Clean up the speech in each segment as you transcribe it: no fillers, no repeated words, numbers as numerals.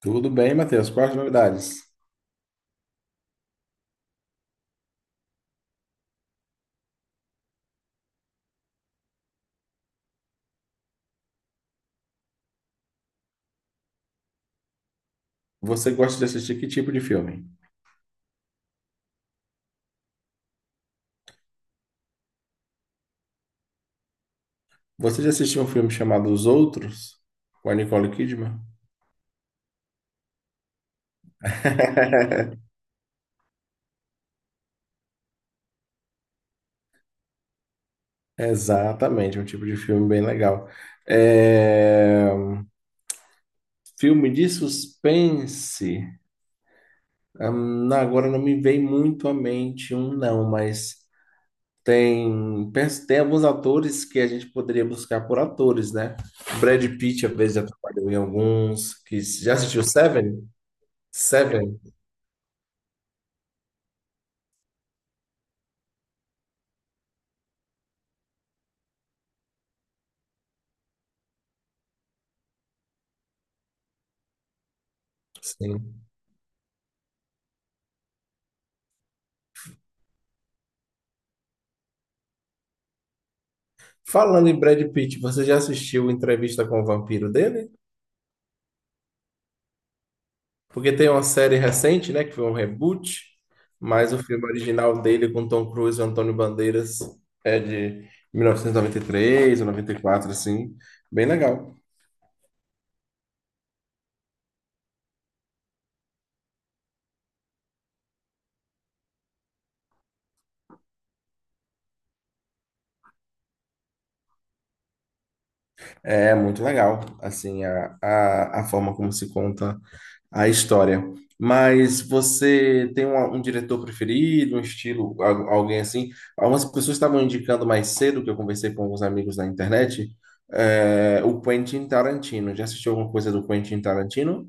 Tudo bem, Matheus? Quais as novidades? Você gosta de assistir que tipo de filme? Você já assistiu um filme chamado Os Outros? Com a Nicole Kidman? Exatamente, um tipo de filme bem legal. É, filme de suspense. Não, agora não me vem muito à mente um, não, mas tem, tem alguns atores que a gente poderia buscar por atores, né? Brad Pitt, às vezes, já trabalhou em alguns. Que, já assistiu Seven? Seven? Sim. Falando em Brad Pitt, você já assistiu A Entrevista com o Vampiro dele? Porque tem uma série recente, né, que foi um reboot, mas o filme original dele com Tom Cruise e Antônio Bandeiras é de 1993 ou 94, assim, bem legal. É muito legal, assim, a forma como se conta a história. Mas você tem um, um diretor preferido, um estilo, alguém assim? Algumas pessoas estavam indicando mais cedo, que eu conversei com alguns amigos na internet, é, o Quentin Tarantino. Já assistiu alguma coisa do Quentin Tarantino?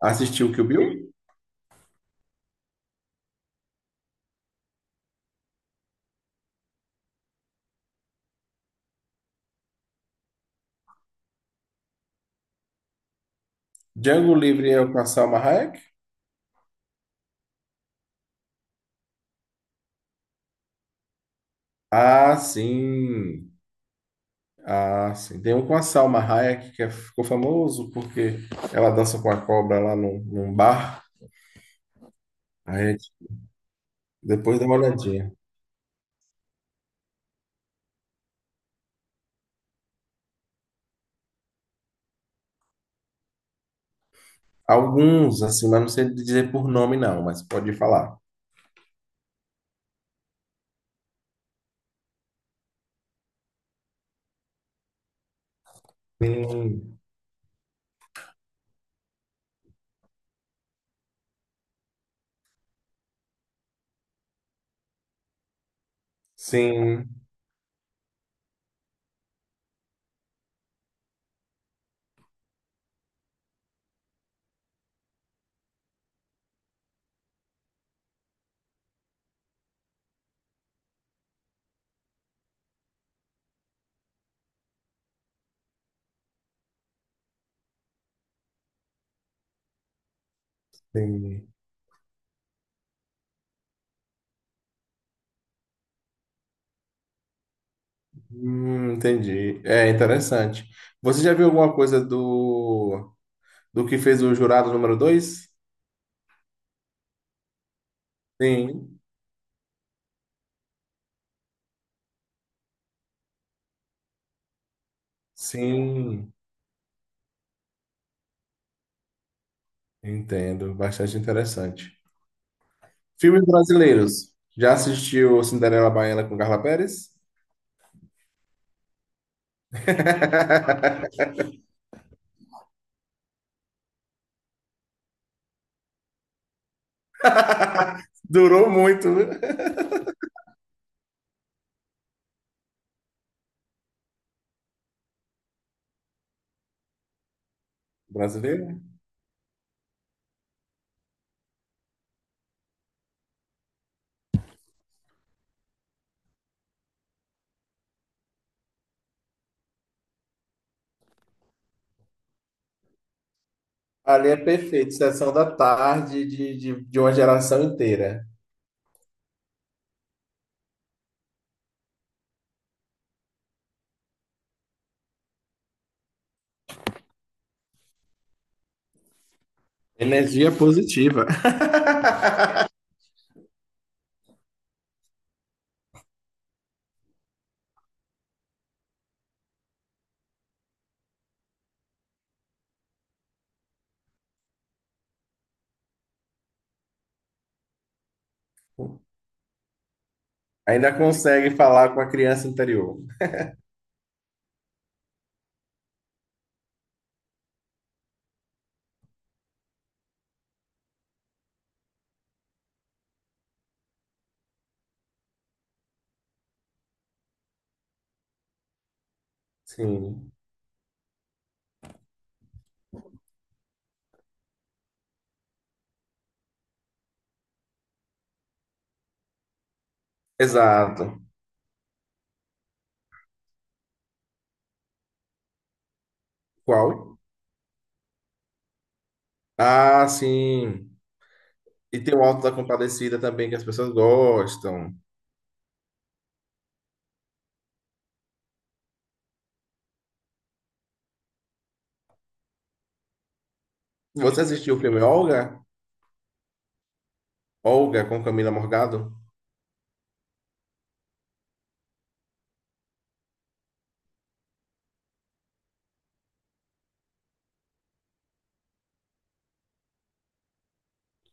Assistiu Kill Bill? Django Livre é com a Salma Hayek? Ah, sim. Ah, sim. Tem um com a Salma Hayek ficou famoso porque ela dança com a cobra lá num, num bar. Aí depois dá uma olhadinha. Alguns, assim, mas não sei dizer por nome, não, mas pode falar. Sim, sim, entendi. Entendi. É interessante. Você já viu alguma coisa do, do que fez o jurado número dois? Sim, sim, entendo. Bastante interessante. Filmes brasileiros. Já assistiu Cinderela Baiana com Carla Pérez? Durou muito, viu? Brasileiro? Ali é perfeito, sessão da tarde de uma geração inteira. Energia positiva. Ainda consegue falar com a criança interior. Sim. Exato. Qual? Ah, sim. E tem o Alto da Compadecida também, que as pessoas gostam. Você assistiu o filme Olga? Olga com Camila Morgado?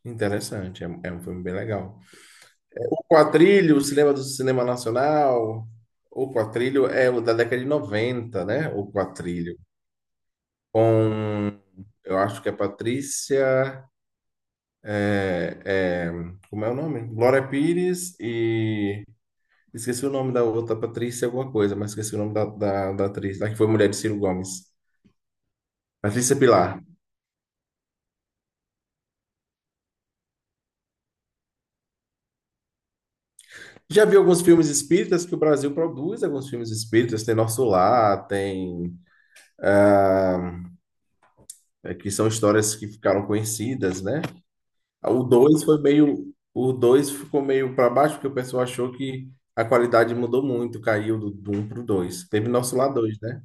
Interessante, é, é um filme bem legal. O Quatrilho, o cinema do cinema nacional? O Quatrilho é o da década de 90, né? O Quatrilho. Com, eu acho que é Patrícia. É, é, como é o nome? Glória Pires e. Esqueci o nome da outra Patrícia, alguma coisa, mas esqueci o nome da, da, da atriz, lá que foi mulher de Ciro Gomes. Patrícia Pilar. Já vi alguns filmes espíritas que o Brasil produz, alguns filmes espíritas, tem Nosso Lar, tem. É, que são histórias que ficaram conhecidas, né? O 2 foi meio. O 2 ficou meio para baixo, porque o pessoal achou que a qualidade mudou muito, caiu do, do 1 para o 2. Teve Nosso lá dois, né?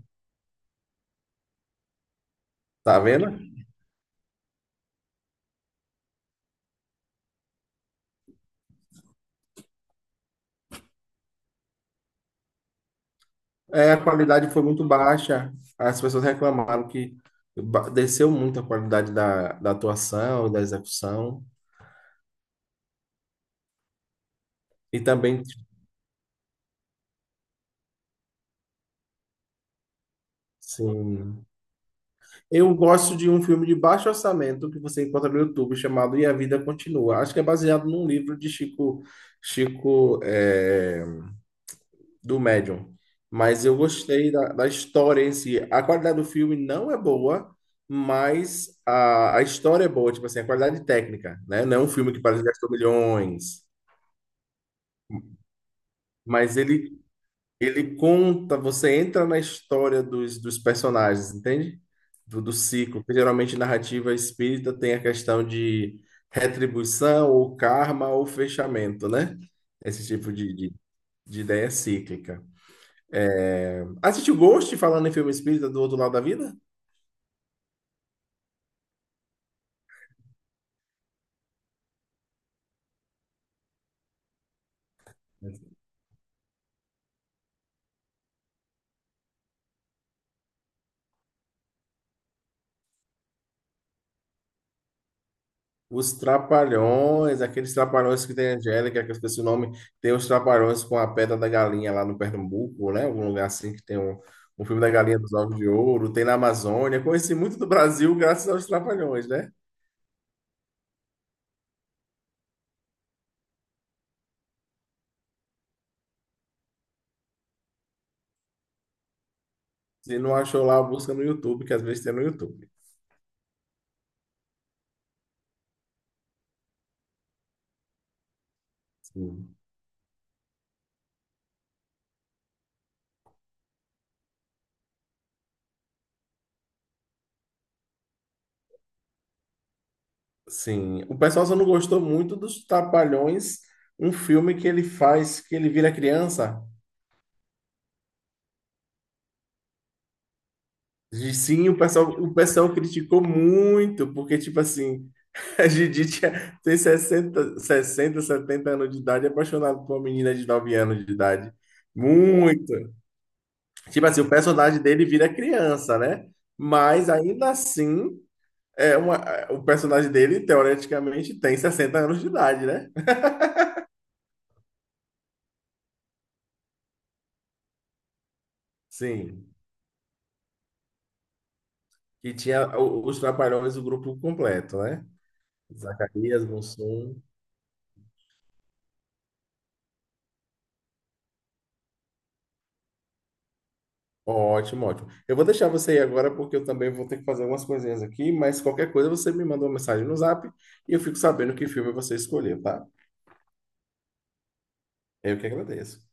Tá vendo? É, a qualidade foi muito baixa. As pessoas reclamaram que desceu muito a qualidade da, da atuação, da execução. E também, sim. Eu gosto de um filme de baixo orçamento que você encontra no YouTube chamado E a Vida Continua. Acho que é baseado num livro de Chico. Chico. É, do Medium. Mas eu gostei da, da história em si. A qualidade do filme não é boa, mas a história é boa, tipo assim, a qualidade técnica, né? Não é um filme que parece que gastou milhões, mas ele conta, você entra na história dos, dos personagens, entende? Do, do ciclo, porque geralmente narrativa espírita tem a questão de retribuição, ou karma, ou fechamento, né? Esse tipo de ideia cíclica. Assistiu Ghost, falando em filme espírita do outro lado da vida? Os Trapalhões, aqueles Trapalhões que tem a Angélica, que eu esqueci o nome, tem os Trapalhões com a Pedra da Galinha lá no Pernambuco, né? Algum lugar assim que tem um, um filme da Galinha dos Ovos de Ouro, tem na Amazônia. Conheci muito do Brasil graças aos Trapalhões, né? Se não achou lá, busca no YouTube, que às vezes tem no YouTube. Sim. Sim. O pessoal só não gostou muito dos Trapalhões, um filme que ele faz, que ele vira criança. E sim, o pessoal criticou muito, porque, tipo assim, a Didi tinha, tem 60 60 70 anos de idade, apaixonado por uma menina de 9 anos de idade. Muito. Tipo assim, o personagem dele vira criança, né? Mas ainda assim, é uma, é, o personagem dele, teoreticamente, tem 60 anos de idade, né? Sim. E tinha os Trapalhões, o grupo completo, né? Zacarias, Mussum. Ótimo, ótimo. Eu vou deixar você ir agora porque eu também vou ter que fazer algumas coisinhas aqui, mas qualquer coisa você me manda uma mensagem no Zap e eu fico sabendo que filme você escolheu, tá? Eu que agradeço.